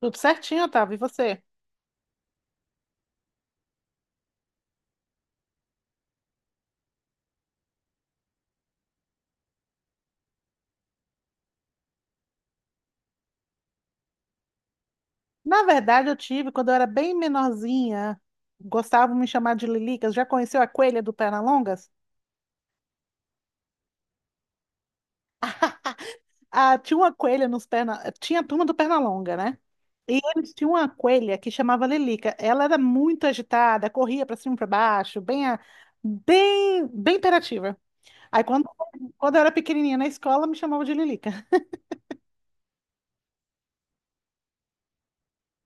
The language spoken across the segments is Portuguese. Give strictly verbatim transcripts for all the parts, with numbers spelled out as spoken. Tudo certinho, Otávio. E você? Na verdade, eu tive, quando eu era bem menorzinha, gostavam de me chamar de Lilicas. Já conheceu a coelha do Pernalongas? Ah, tinha uma coelha nos perna... Tinha a turma do Pernalonga, né? E eles tinham uma coelha que chamava Lilica. Ela era muito agitada, corria para cima e para baixo, bem, a- bem, bem imperativa. Aí, quando, quando eu era pequenininha na escola, me chamavam de Lilica.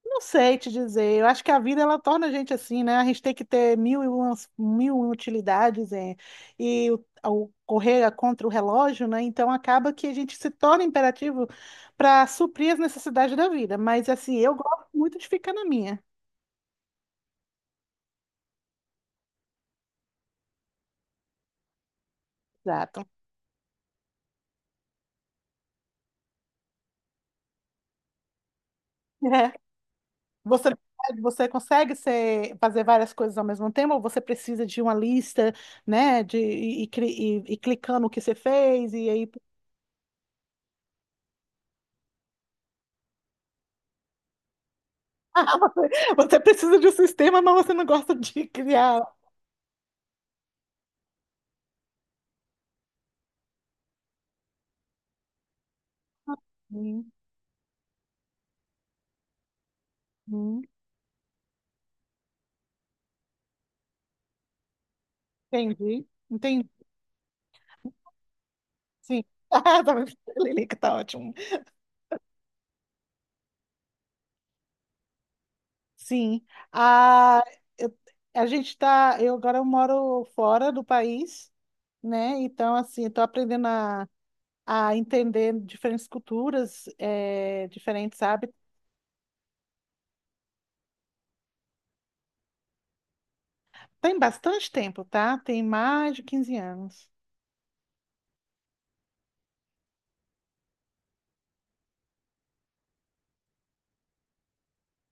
Não sei te dizer. Eu acho que a vida, ela torna a gente assim, né? A gente tem que ter mil e umas, mil e uma utilidades, é, e o, o correr contra o relógio, né? Então acaba que a gente se torna imperativo para suprir as necessidades da vida. Mas assim, eu gosto muito de ficar na minha. Exato. É. Você, você consegue ser, fazer várias coisas ao mesmo tempo, ou você precisa de uma lista, né? De, e, e, cri- e- e clicando o que você fez, e aí Ah, Você você precisa de um sistema, mas você não gosta de criar. Uhum, entendi, entendi. Sim. Ah, tá, Lilica, tá ótimo. Sim. Ah, eu- a gente tá. Eu agora eu moro fora do país, né? Então, assim, estou aprendendo a, a entender diferentes culturas, eh, diferentes hábitos. Tem bastante tempo, tá? Tem mais de quinze anos.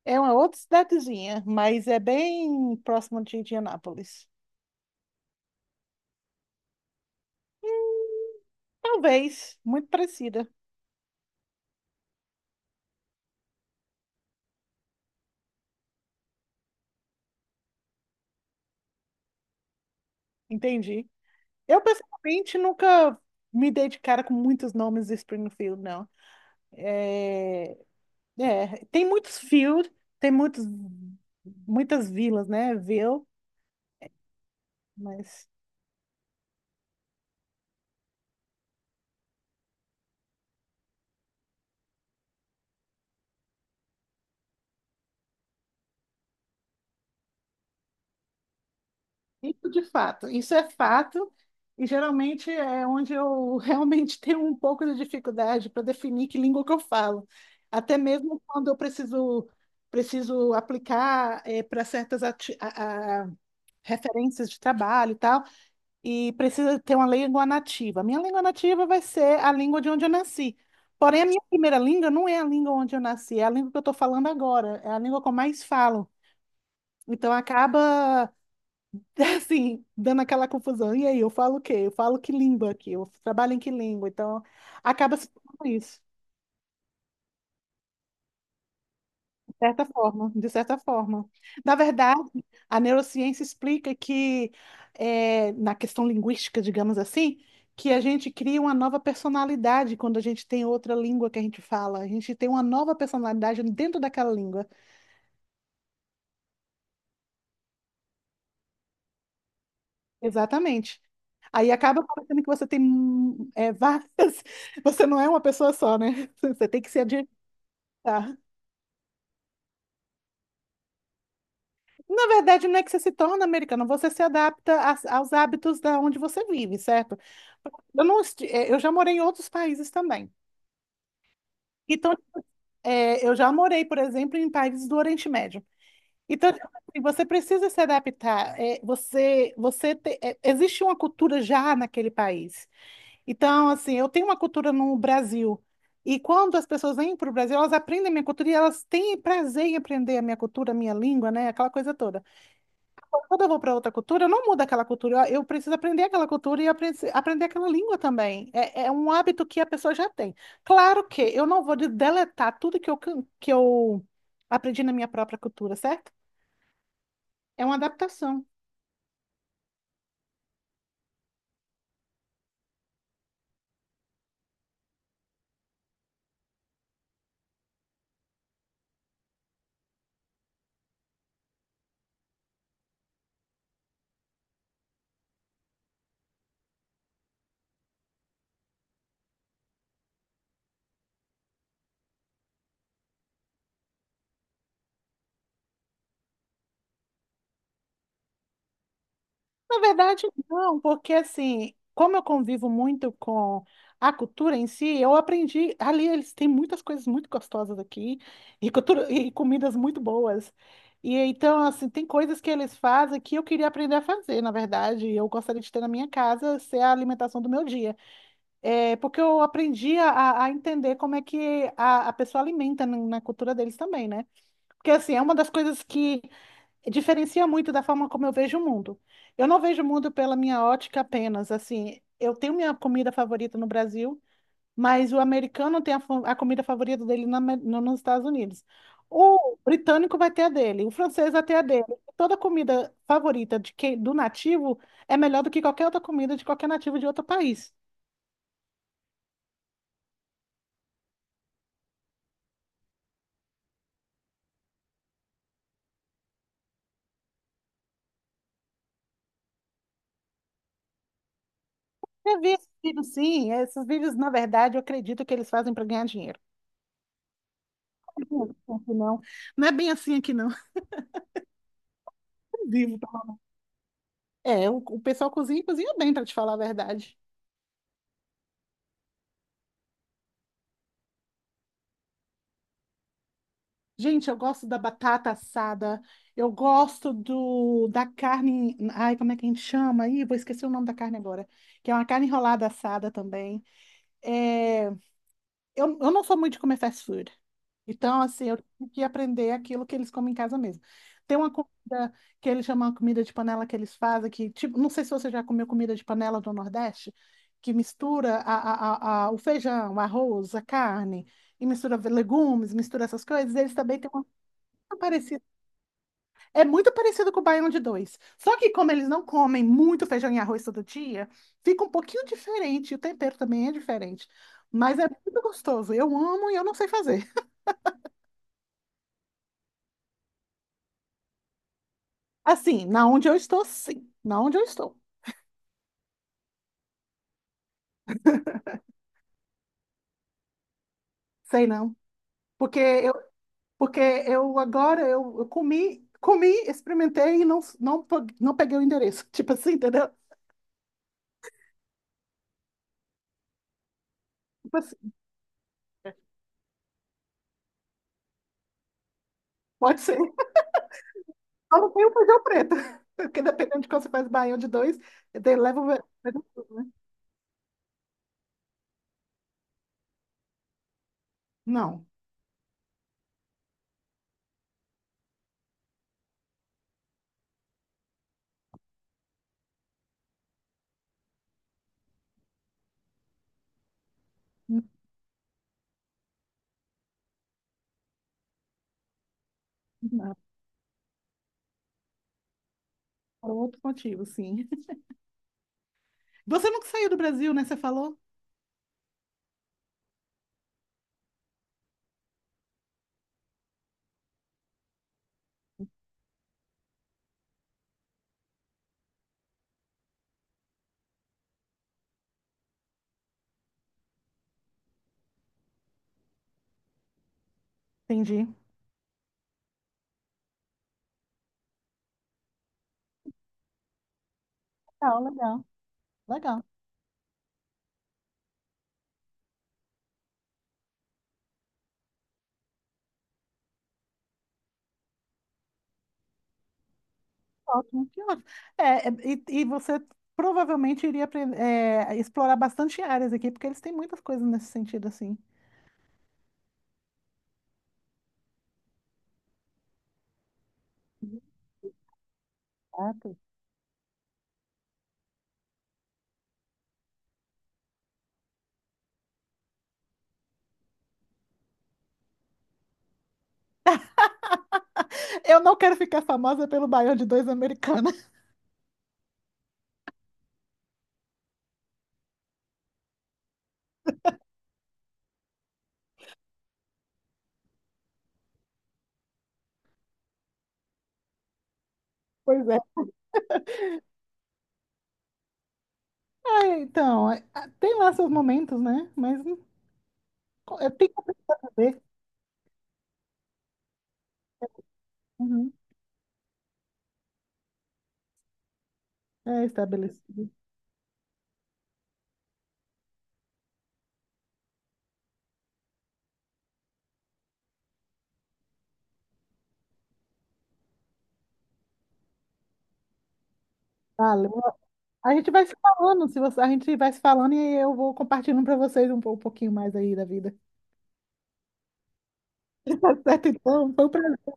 É uma outra cidadezinha, mas é bem próximo de Indianápolis. Talvez, muito parecida. Entendi. Eu, pessoalmente, nunca me dei de cara com muitos nomes de Springfield, não. É, é, tem muitos field, tem muitos, muitas vilas, né? Ville, mas isso de fato, isso é fato, e geralmente é onde eu realmente tenho um pouco de dificuldade para definir que língua que eu falo. Até mesmo quando eu preciso, preciso aplicar para certas referências de trabalho e tal, e precisa ter uma língua nativa. Minha língua nativa vai ser a língua de onde eu nasci. Porém, a minha primeira língua não é a língua onde eu nasci, é a língua que eu estou falando agora, é a língua que eu mais falo. Então, acaba, assim, dando aquela confusão. E aí, eu falo o quê? Eu falo que língua aqui? Eu trabalho em que língua? Então, acaba se tornando isso. certa forma, de certa forma. Na verdade, a neurociência explica que, eh, na questão linguística, digamos assim, que a gente cria uma nova personalidade quando a gente tem outra língua que a gente fala. A gente tem uma nova personalidade dentro daquela língua. Exatamente. Aí acaba parecendo que você tem, hum, eh, várias. Você não é uma pessoa só, né? Você tem que se adaptar. Na verdade, não é que você se torna americano, você se adapta a- aos hábitos da onde você vive, certo? Eu não, esti- é, Eu já morei em outros países também. Então, é, eu já morei, por exemplo, em países do Oriente Médio. Então, tipo assim, você precisa se adaptar. É, você, você te- é, existe uma cultura já naquele país. Então, assim, eu tenho uma cultura no Brasil. E quando as pessoas vêm para o Brasil, elas aprendem a minha cultura, e elas têm prazer em aprender a minha cultura, a minha língua, né? Aquela coisa toda. Quando eu vou para outra cultura, eu não mudo aquela cultura, eu eu preciso aprender aquela cultura e apre- aprender aquela língua também. É, é um hábito que a pessoa já tem. Claro que eu não vou de- deletar tudo que eu, can- que eu aprendi na minha própria cultura, certo? É uma adaptação. Na verdade, não, porque assim, como eu convivo muito com a cultura em si, eu aprendi. Ali eles têm muitas coisas muito gostosas aqui, e cultura, e comidas muito boas. E então, assim, tem coisas que eles fazem que eu queria aprender a fazer, na verdade. E eu gostaria de ter na minha casa, ser a alimentação do meu dia. É, porque eu aprendi a, a entender como é que a, a pessoa alimenta na na cultura deles também, né? Porque, assim, é uma das coisas que diferencia muito da forma como eu vejo o mundo. Eu não vejo o mundo pela minha ótica apenas, assim, eu tenho minha comida favorita no Brasil, mas o americano tem a, fa- a comida favorita dele na Ame- no- nos Estados Unidos. O britânico vai ter a dele, o francês vai ter a dele. Toda comida favorita de quem, do nativo, é melhor do que qualquer outra comida de qualquer nativo de outro país. Eu vi esses vídeos, sim, esses vídeos, na verdade, eu acredito que eles fazem para ganhar dinheiro. Não, não é bem assim aqui, não. Vivo. É, o, o pessoal cozinha, e cozinha bem, para te falar a verdade. Gente, eu gosto da batata assada, eu gosto do, da carne. Ai, como é que a gente chama, aí? Vou esquecer o nome da carne agora. Que é uma carne enrolada assada também. É, Eu, eu não sou muito de comer fast food. Então, assim, eu tive que aprender aquilo que eles comem em casa mesmo. Tem uma comida que eles chamam de comida de panela, que eles fazem, que, tipo, não sei se você já comeu comida de panela do Nordeste, que mistura a, a, a, a- o feijão, o arroz, a carne, e mistura legumes, mistura essas coisas. Eles também têm uma parecida, é muito parecido com o baião de dois. Só que, como eles não comem muito feijão e arroz todo dia, fica um pouquinho diferente. O tempero também é diferente. Mas é muito gostoso. Eu amo, e eu não sei fazer. Assim, na onde eu estou, sim. Na onde eu estou. Sei não. Porque eu, porque eu agora, eu, eu comi, comi, experimentei e não, não, pe- não peguei o endereço. Tipo assim, entendeu? Tipo assim, pode ser. Só não tem o feijão preto. Porque dependendo de quando você faz baião de dois, ele leva o... Não. Não. Por outro motivo, sim. Você nunca saiu do Brasil, né? Você falou? Entendi. Legal, legal, legal. Ótimo, que ótimo. É, é, e, e você provavelmente iria apren- é, explorar bastante áreas aqui, porque eles têm muitas coisas nesse sentido, assim. Exato. Eu não quero ficar famosa pelo baião de dois americana. Pois é. Ah, então, é, ah, tem lá seus momentos, né? Mas hum, co- é, tem que aprender a saber. Uhum. É estabelecido. Valeu. A gente vai se falando, se você, a gente vai se falando e eu vou compartilhando para vocês um, pou- um pouquinho mais aí da vida. Certo, então, foi um prazer.